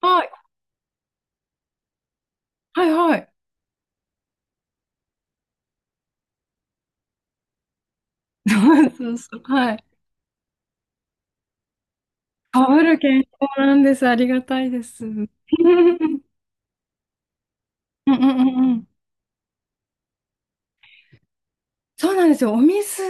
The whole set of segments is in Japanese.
はい、はいはい。そうそう、はい。かぶる健康なんです。ありがたいです。うんうんうんうん。そうなんですよ。お水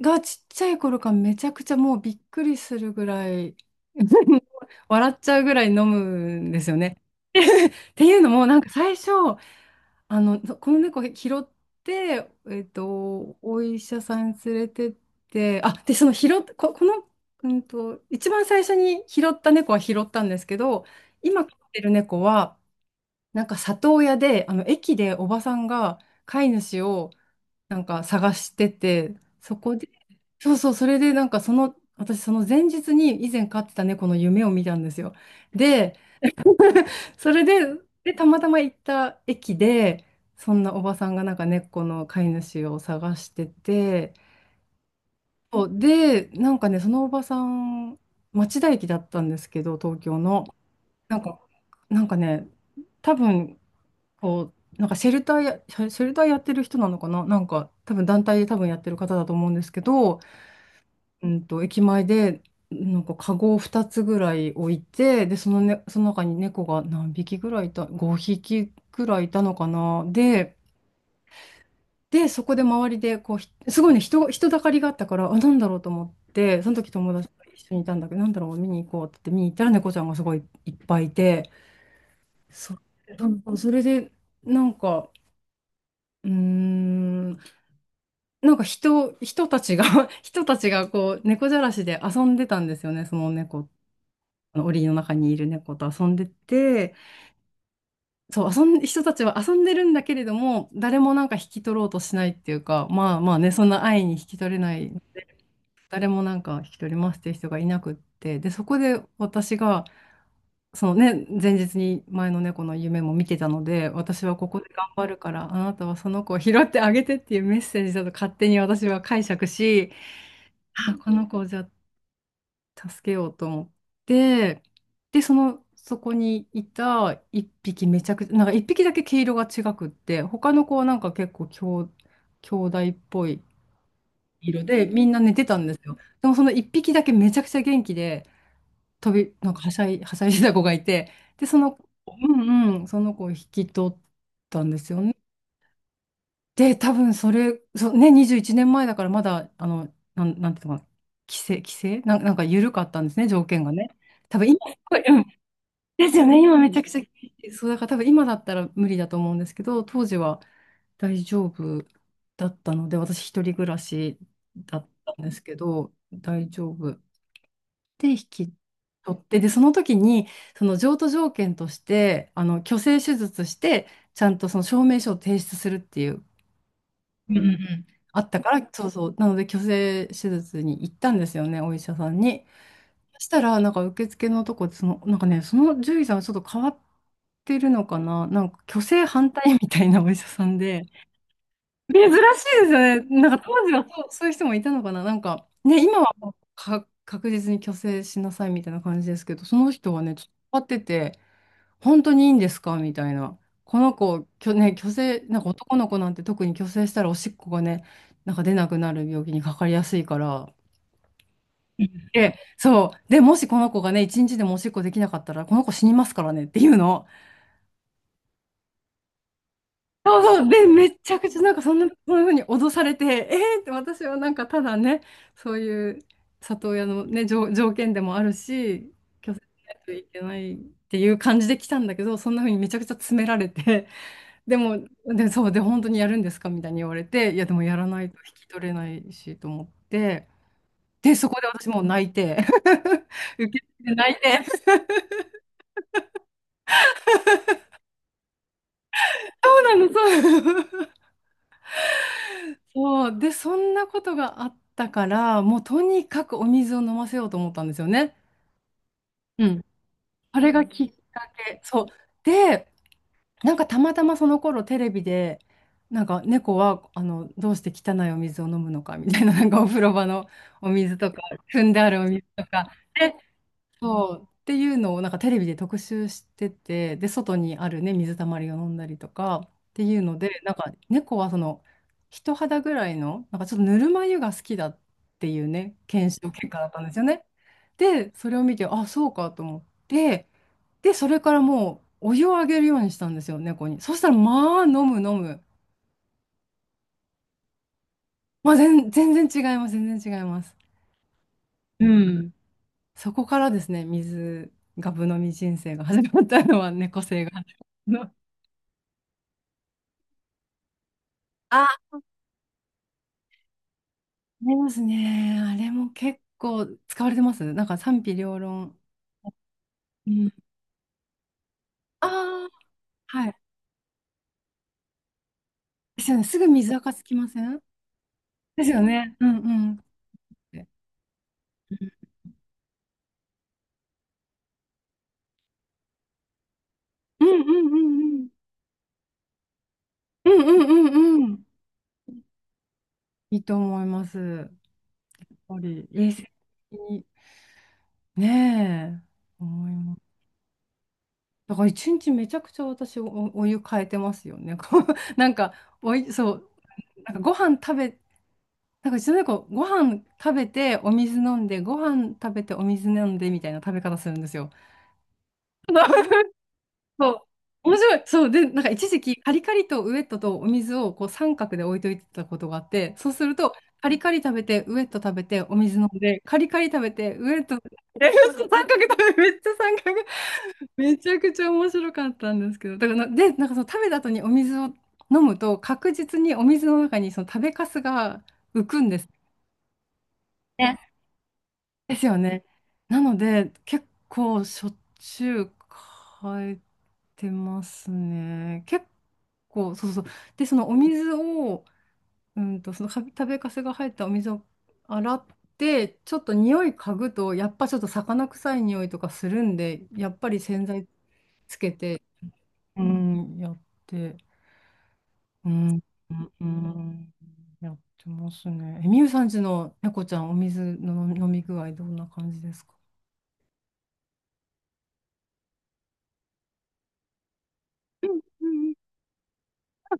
がちっちゃい頃からめちゃくちゃもうびっくりするぐらい 笑っちゃうぐらい飲むんですよね。っていうのも、最初、この猫拾って、お医者さんに連れてって、あ、で、その拾っ、こ、この、うんと、一番最初に拾った猫は拾ったんですけど、今飼ってる猫は、なんか里親で、あの、駅でおばさんが飼い主をなんか探してて、そこで、そうそう、それでなんかその、私その前日に以前飼ってた猫の夢を見たんですよ。で、それで、で、たまたま行った駅で、そんなおばさんがなんか猫の飼い主を探してて、そうで、なんかね、そのおばさん、町田駅だったんですけど、東京の。なんか、なんかね、多分、こなんかシェルターやってる人なのかな、なんか多分団体で多分やってる方だと思うんですけど、駅前で、なんか、カゴを2つぐらい置いて、で、その、ね、その中に猫が何匹ぐらいいた、5匹ぐらいいたのかな。で、そこで周りで、こう、すごいね、人だかりがあったから、あ、なんだろうと思って、その時友達と一緒にいたんだけど、なんだろう、見に行こうって言って見に行ったらね、猫ちゃんがすごいいっぱいいて、そ、うんそれで、なんか、うーん、人たちが 人たちがこう、猫じゃらしで遊んでたんですよね、その猫あの檻の中にいる猫と遊んでて、人たちは遊んでるんだけれども、誰もなんか引き取ろうとしないっていうか、まあまあね、そんな愛に引き取れない、誰もなんか引き取りますっていう人がいなくって、で、そこで私が、そのね、前日に前の猫の夢も見てたので、私はここで頑張るから、あなたはその子を拾ってあげてっていうメッセージだと勝手に私は解釈し、あ、この子をじゃあ助けようと思って、で、その、そこにいた一匹めちゃくちゃ、なんか一匹だけ毛色が違くって、他の子はなんか結構兄弟っぽい色で、みんな寝てたんですよ。でもその一匹だけめちゃくちゃ元気で、飛び、なんかはしゃい、はしゃいでた子がいて、で、その、うんうん、その子を引き取ったんですよね。で、多分それ、そうね、21年前だからまだ、なんていうのかな、規制、規制なん、なんか緩かったんですね、条件がね。多分今、すごい、うん。ですよね、今めちゃくちゃ厳しい、そう、だから多分今だったら無理だと思うんですけど、当時は大丈夫だったので、私一人暮らしだったんですけど、大丈夫。で、引き取って、で、その時に、その譲渡条件として、あの、去勢手術して、ちゃんとその証明書を提出するっていう、うんうんうん。あったから、そうそう。なので、去勢手術に行ったんですよね、お医者さんに。そしたら、なんか受付のとこで、その、なんかね、その獣医さんはちょっと変わってるのかな、なんか去勢反対みたいなお医者さんで、珍しいですよね。なんか当時はそう、そういう人もいたのかな、なんか、ね、今はもうか確実に去勢しなさいみたいな感じですけど、その人はね、ちょっと変わってて、本当にいいんですかみたいな。この子、きょ、ね、虚勢、なんか男の子なんて特に虚勢したらおしっこがね、なんか出なくなる病気にかかりやすいから。で、そう。で、もしこの子がね、一日でもおしっこできなかったら、この子死にますからねっていうの。そうそう。で、めちゃくちゃなんかそんな風に脅されて、えーって私はなんかただね、そういう里親のね、条件でもあるし、拒絶しないといけないっていう感じで来たんだけど、そんな風にめちゃくちゃ詰められて、でも、で、そう、で、本当にやるんですかみたいに言われて、いや、でもやらないと引き取れないしと思って、で、そこで私もう泣いて、受け入て泣いて、そうなの。そう、で、そんなことがあったから、もうとにかくお水を飲ませようと思ったんですよね。うん。あれがきっかけ。そう。で、なんかたまたまその頃テレビで、なんか猫はあのどうして汚いお水を飲むのかみたいな、なんかお風呂場のお水とか、汲んであるお水とか。そう。っていうのをなんかテレビで特集してて、で、外にあるね、水たまりを飲んだりとかっていうので、なんか猫はその人肌ぐらいの、なんかちょっとぬるま湯が好きだっていうね、検証結果だったんですよね。で、それを見て、あ、そうかと思って、で、それからもうお湯をあげるようにしたんですよ、猫に。そしたら、まあ、飲む飲む。全然違います、全然違います。うん。そこからですね、水がぶ飲み人生が始まったのは、猫生が。ありますね。あれも結構使われてます。なんか賛否両論。うん。ああ、はい。ですよね。すぐ水垢つきませんですよね。うんうん。って、うんうんうんうん。うんうんうんうん。いいと思います。やっぱり衛生的に。ねえ、思います。だから一日めちゃくちゃ私お湯変えてますよね。こうなんかおい、そう、なんかご飯食べ、なんかうちの猫、ご飯食べてお水飲んで、ご飯食べてお水飲んでみたいな食べ方するんですよ。そう。面白い。そう。で、なんか一時期、カリカリとウエットとお水をこう三角で置いといてたことがあって、そうすると、カリカリ食べて、ウエット食べて、お水飲んで、カリカリ食べて、ウエット、えそう 三角、めちゃくちゃ面白かったんですけど、だからな、で、なんかその食べた後にお水を飲むと、確実にお水の中にその食べかすが浮くんです。ねですよね。なので、結構しょっちゅう変えてますね。結構、そうそう。で、そのお水を、うんと、そのか食べかすが入ったお水を洗って、ちょっと匂い嗅ぐと、やっぱちょっと魚臭い匂いとかするんで、やっぱり洗剤、うん、やって、うん、うん、うんやってますね。え、みゆさんちの猫ちゃん、お水の飲み具合、どんな感じですか。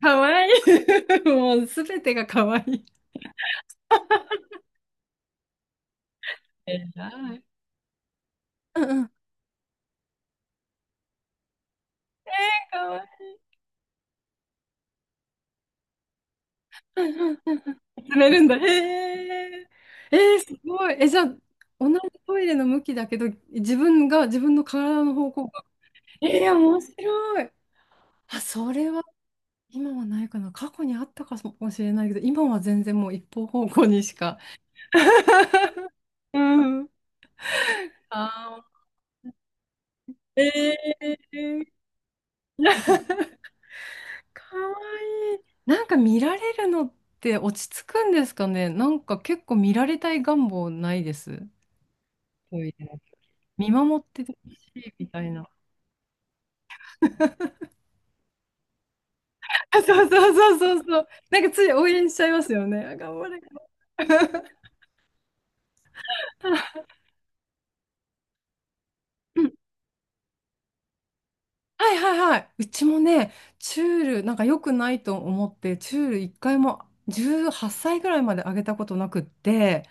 かわいい。もうすべてがかわいい。えらい。うんうん。かわいい。うんうん、詰めるんだ。へえ。えー、すごい。え、じゃあ、同じトイレの向きだけど、自分が、自分の体の方向が。えー、面白い。あ、それは今はないかな。過去にあったかもしれないけど、今は全然もう一方方向にしか。うん。あー、えー。かわいい。なんか見られるのって落ち着くんですかね。なんか結構見られたい願望ないです。トイレ見守っててほしいみたいな。そうそうそうそうそう。なんかつい応援しちゃいますよね。あ、頑張れ。うん、はいはいはい。うちもね、チュール、なんか良くないと思って、チュール一回も18歳ぐらいまであげたことなくって、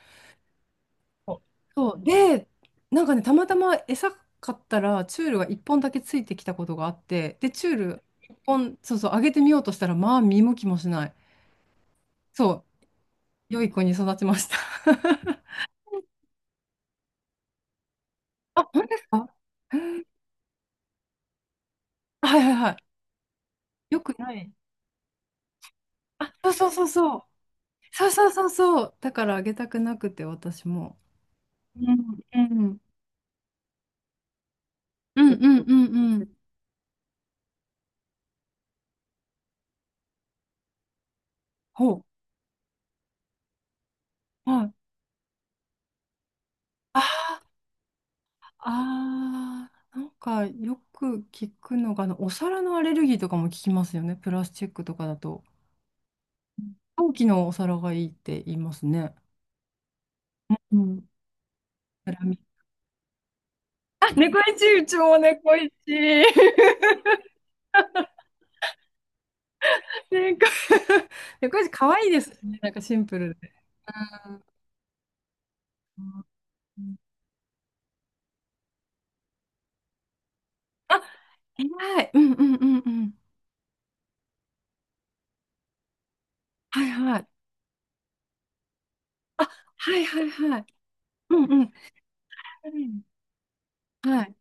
お、そう。で、なんかね、たまたま餌買ったら、チュールが1本だけついてきたことがあって、で、チュール1本、そうそう、あげてみようとしたら、まあ、見向きもしない。そう、良い子に育ちました。あ、本当ですか。はいはいはい。よく、ない。あ、そうそうそうそう。そうそうそうそう。だからあげたくなくて、私も。うんうん。うんうんうんうん。ほう。はい。ああ、なんかよく聞くのが、あの、お皿のアレルギーとかも聞きますよね。プラスチックとかだと。陶器のお皿がいいって言いますね。うん。セラミッあ、ク。猫一、うちも猫一。猫猫舌可愛いですね。なんかシンプルで。うん、あ、偉い。うんうんうんうん。はいはい。あ、はいはいはい。うんうん。うん、はい。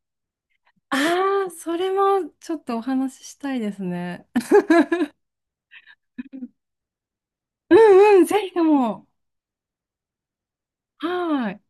ああ、それもちょっとお話ししたいですね。うんうん、ぜひとも。はーい。